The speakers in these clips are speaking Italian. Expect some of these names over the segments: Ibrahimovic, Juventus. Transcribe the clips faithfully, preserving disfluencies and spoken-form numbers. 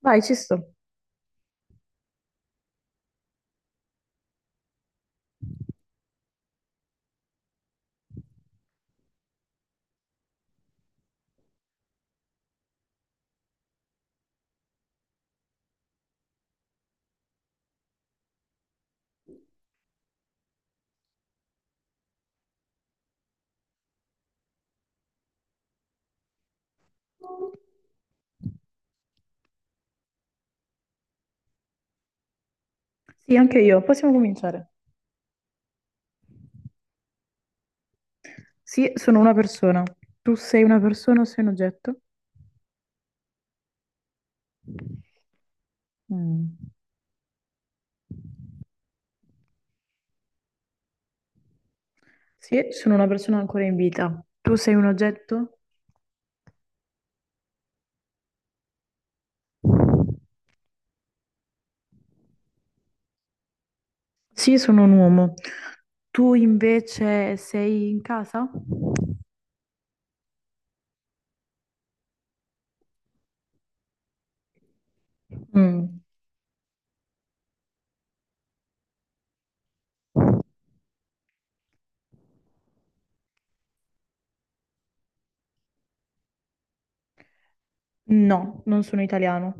Vai, ci sto. Sì, anche io. Possiamo cominciare. Sì, sono una persona. Tu sei una persona o sei un oggetto? Mm. Sì, sono una persona ancora in vita. Tu sei un oggetto? Sì, sono un uomo. Tu invece sei in casa? Mm. No, non sono italiano.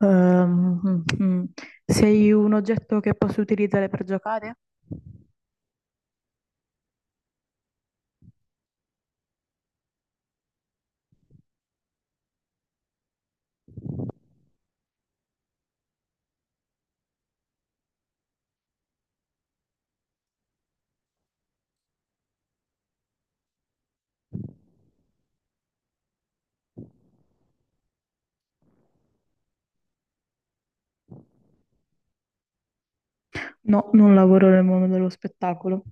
Ehm, mm, mm. Sei un oggetto che posso utilizzare per giocare? No, non lavoro nel mondo dello spettacolo.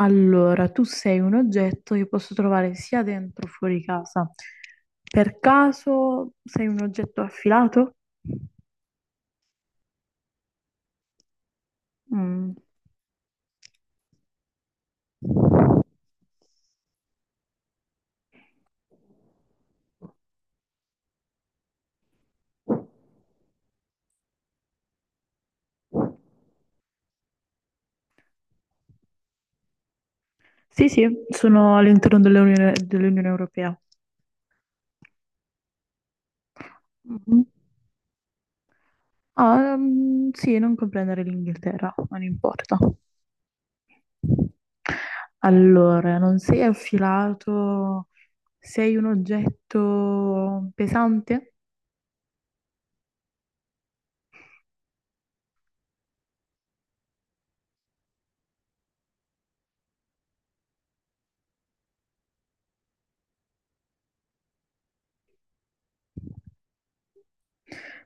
Allora, tu sei un oggetto che posso trovare sia dentro che fuori casa. Per caso sei un oggetto affilato? Mm. Sì, sì, sono all'interno dell'Unione dell'Unione Europea. Mhm. Ah, ehm, sì, non comprendere l'Inghilterra, non importa. Allora, non sei affilato, sei un oggetto pesante?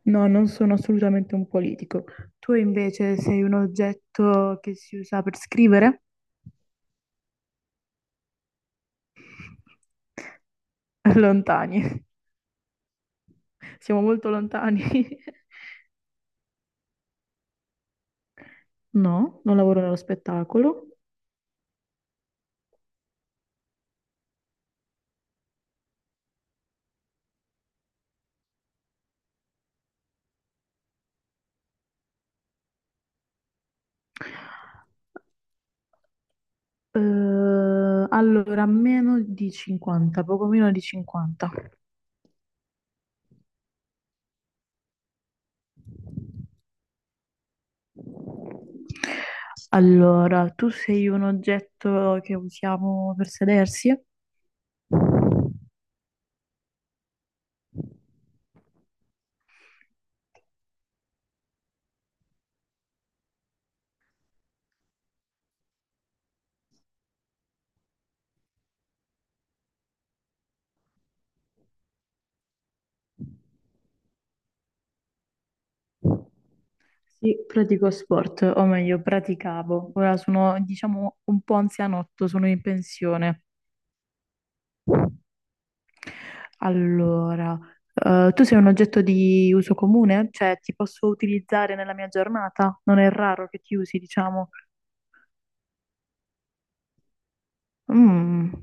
No, non sono assolutamente un politico. Tu invece sei un oggetto che si usa per scrivere? Lontani. Siamo molto lontani. No, non lavoro nello spettacolo. Eh, allora, meno di cinquanta, poco meno di cinquanta. Allora, tu sei un oggetto che usiamo per sedersi? Sì, pratico sport, o meglio, praticavo. Ora sono, diciamo, un po' anzianotto, sono in pensione. Allora, eh, tu sei un oggetto di uso comune? Cioè, ti posso utilizzare nella mia giornata? Non è raro che ti usi, diciamo. Mm.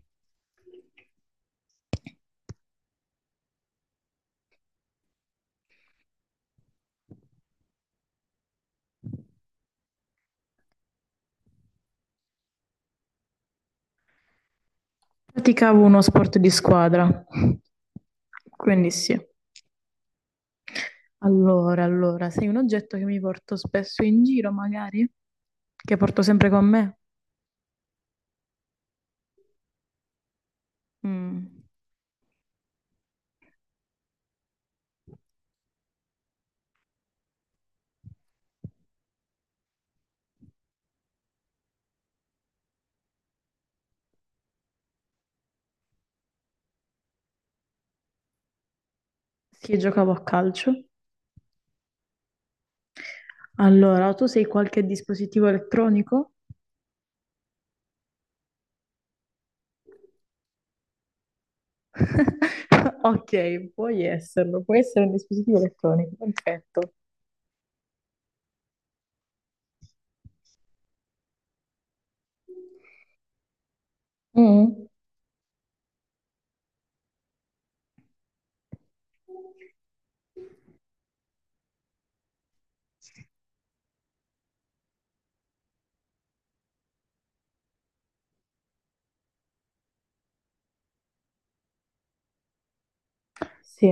Praticavo uno sport di squadra, quindi sì. Allora, allora, sei un oggetto che mi porto spesso in giro, magari? Che porto sempre con me? Mm. Sì, giocavo a calcio. Allora, tu sei qualche dispositivo elettronico? Ok, puoi esserlo, puoi essere un dispositivo elettronico, perfetto. Mm. Sì,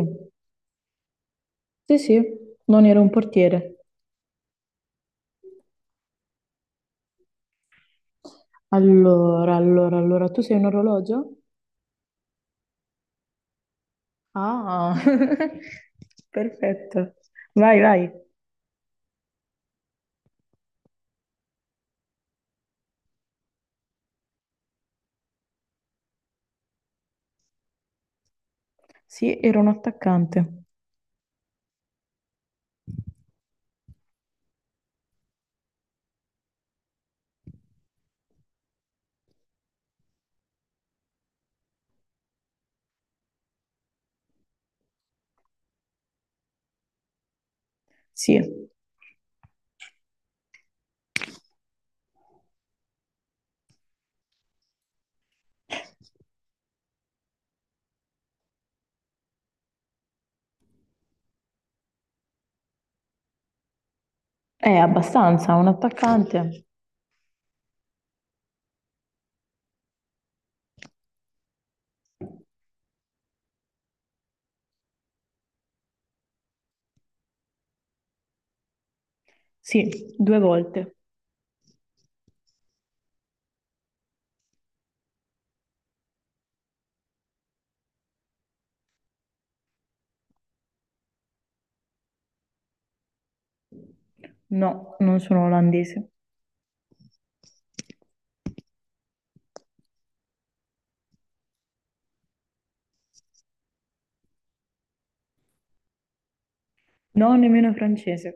sì, sì, non ero un portiere. Allora, allora, allora, tu sei un orologio? Ah, perfetto. Vai, vai. Sì, ero un attaccante. Sì, è abbastanza, un attaccante. Sì, due volte. No, non sono olandese. No, nemmeno francese.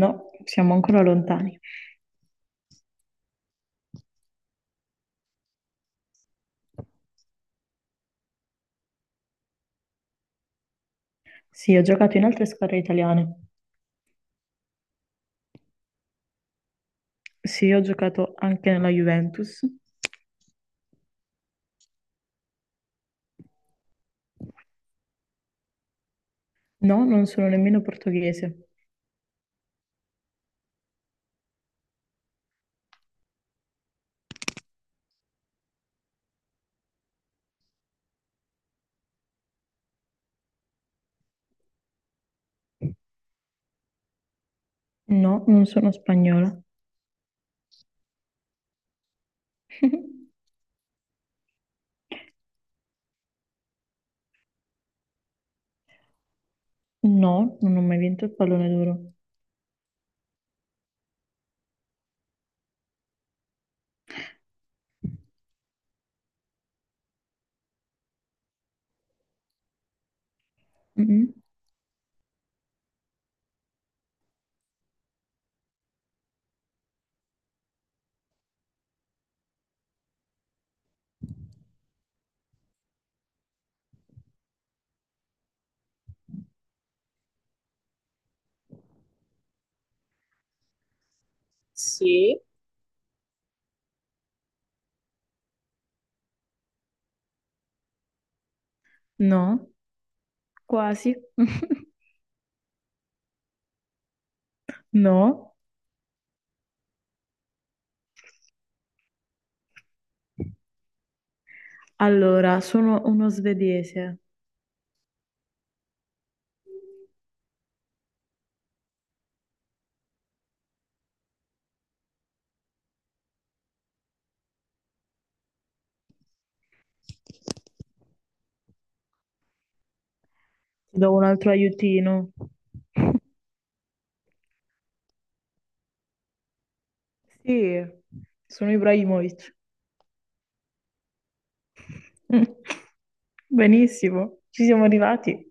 No, siamo ancora lontani. Sì, ho giocato in altre squadre italiane. Sì, ho giocato anche nella Juventus. No, non sono nemmeno portoghese. No, non sono spagnola. No, non ho mai vinto il pallone d'oro. Mm-mm. Sì. No, quasi. No. Allora, sono uno svedese. Ti do un altro aiutino. Sì, sono Ibrahimovic. Benissimo, ci siamo arrivati.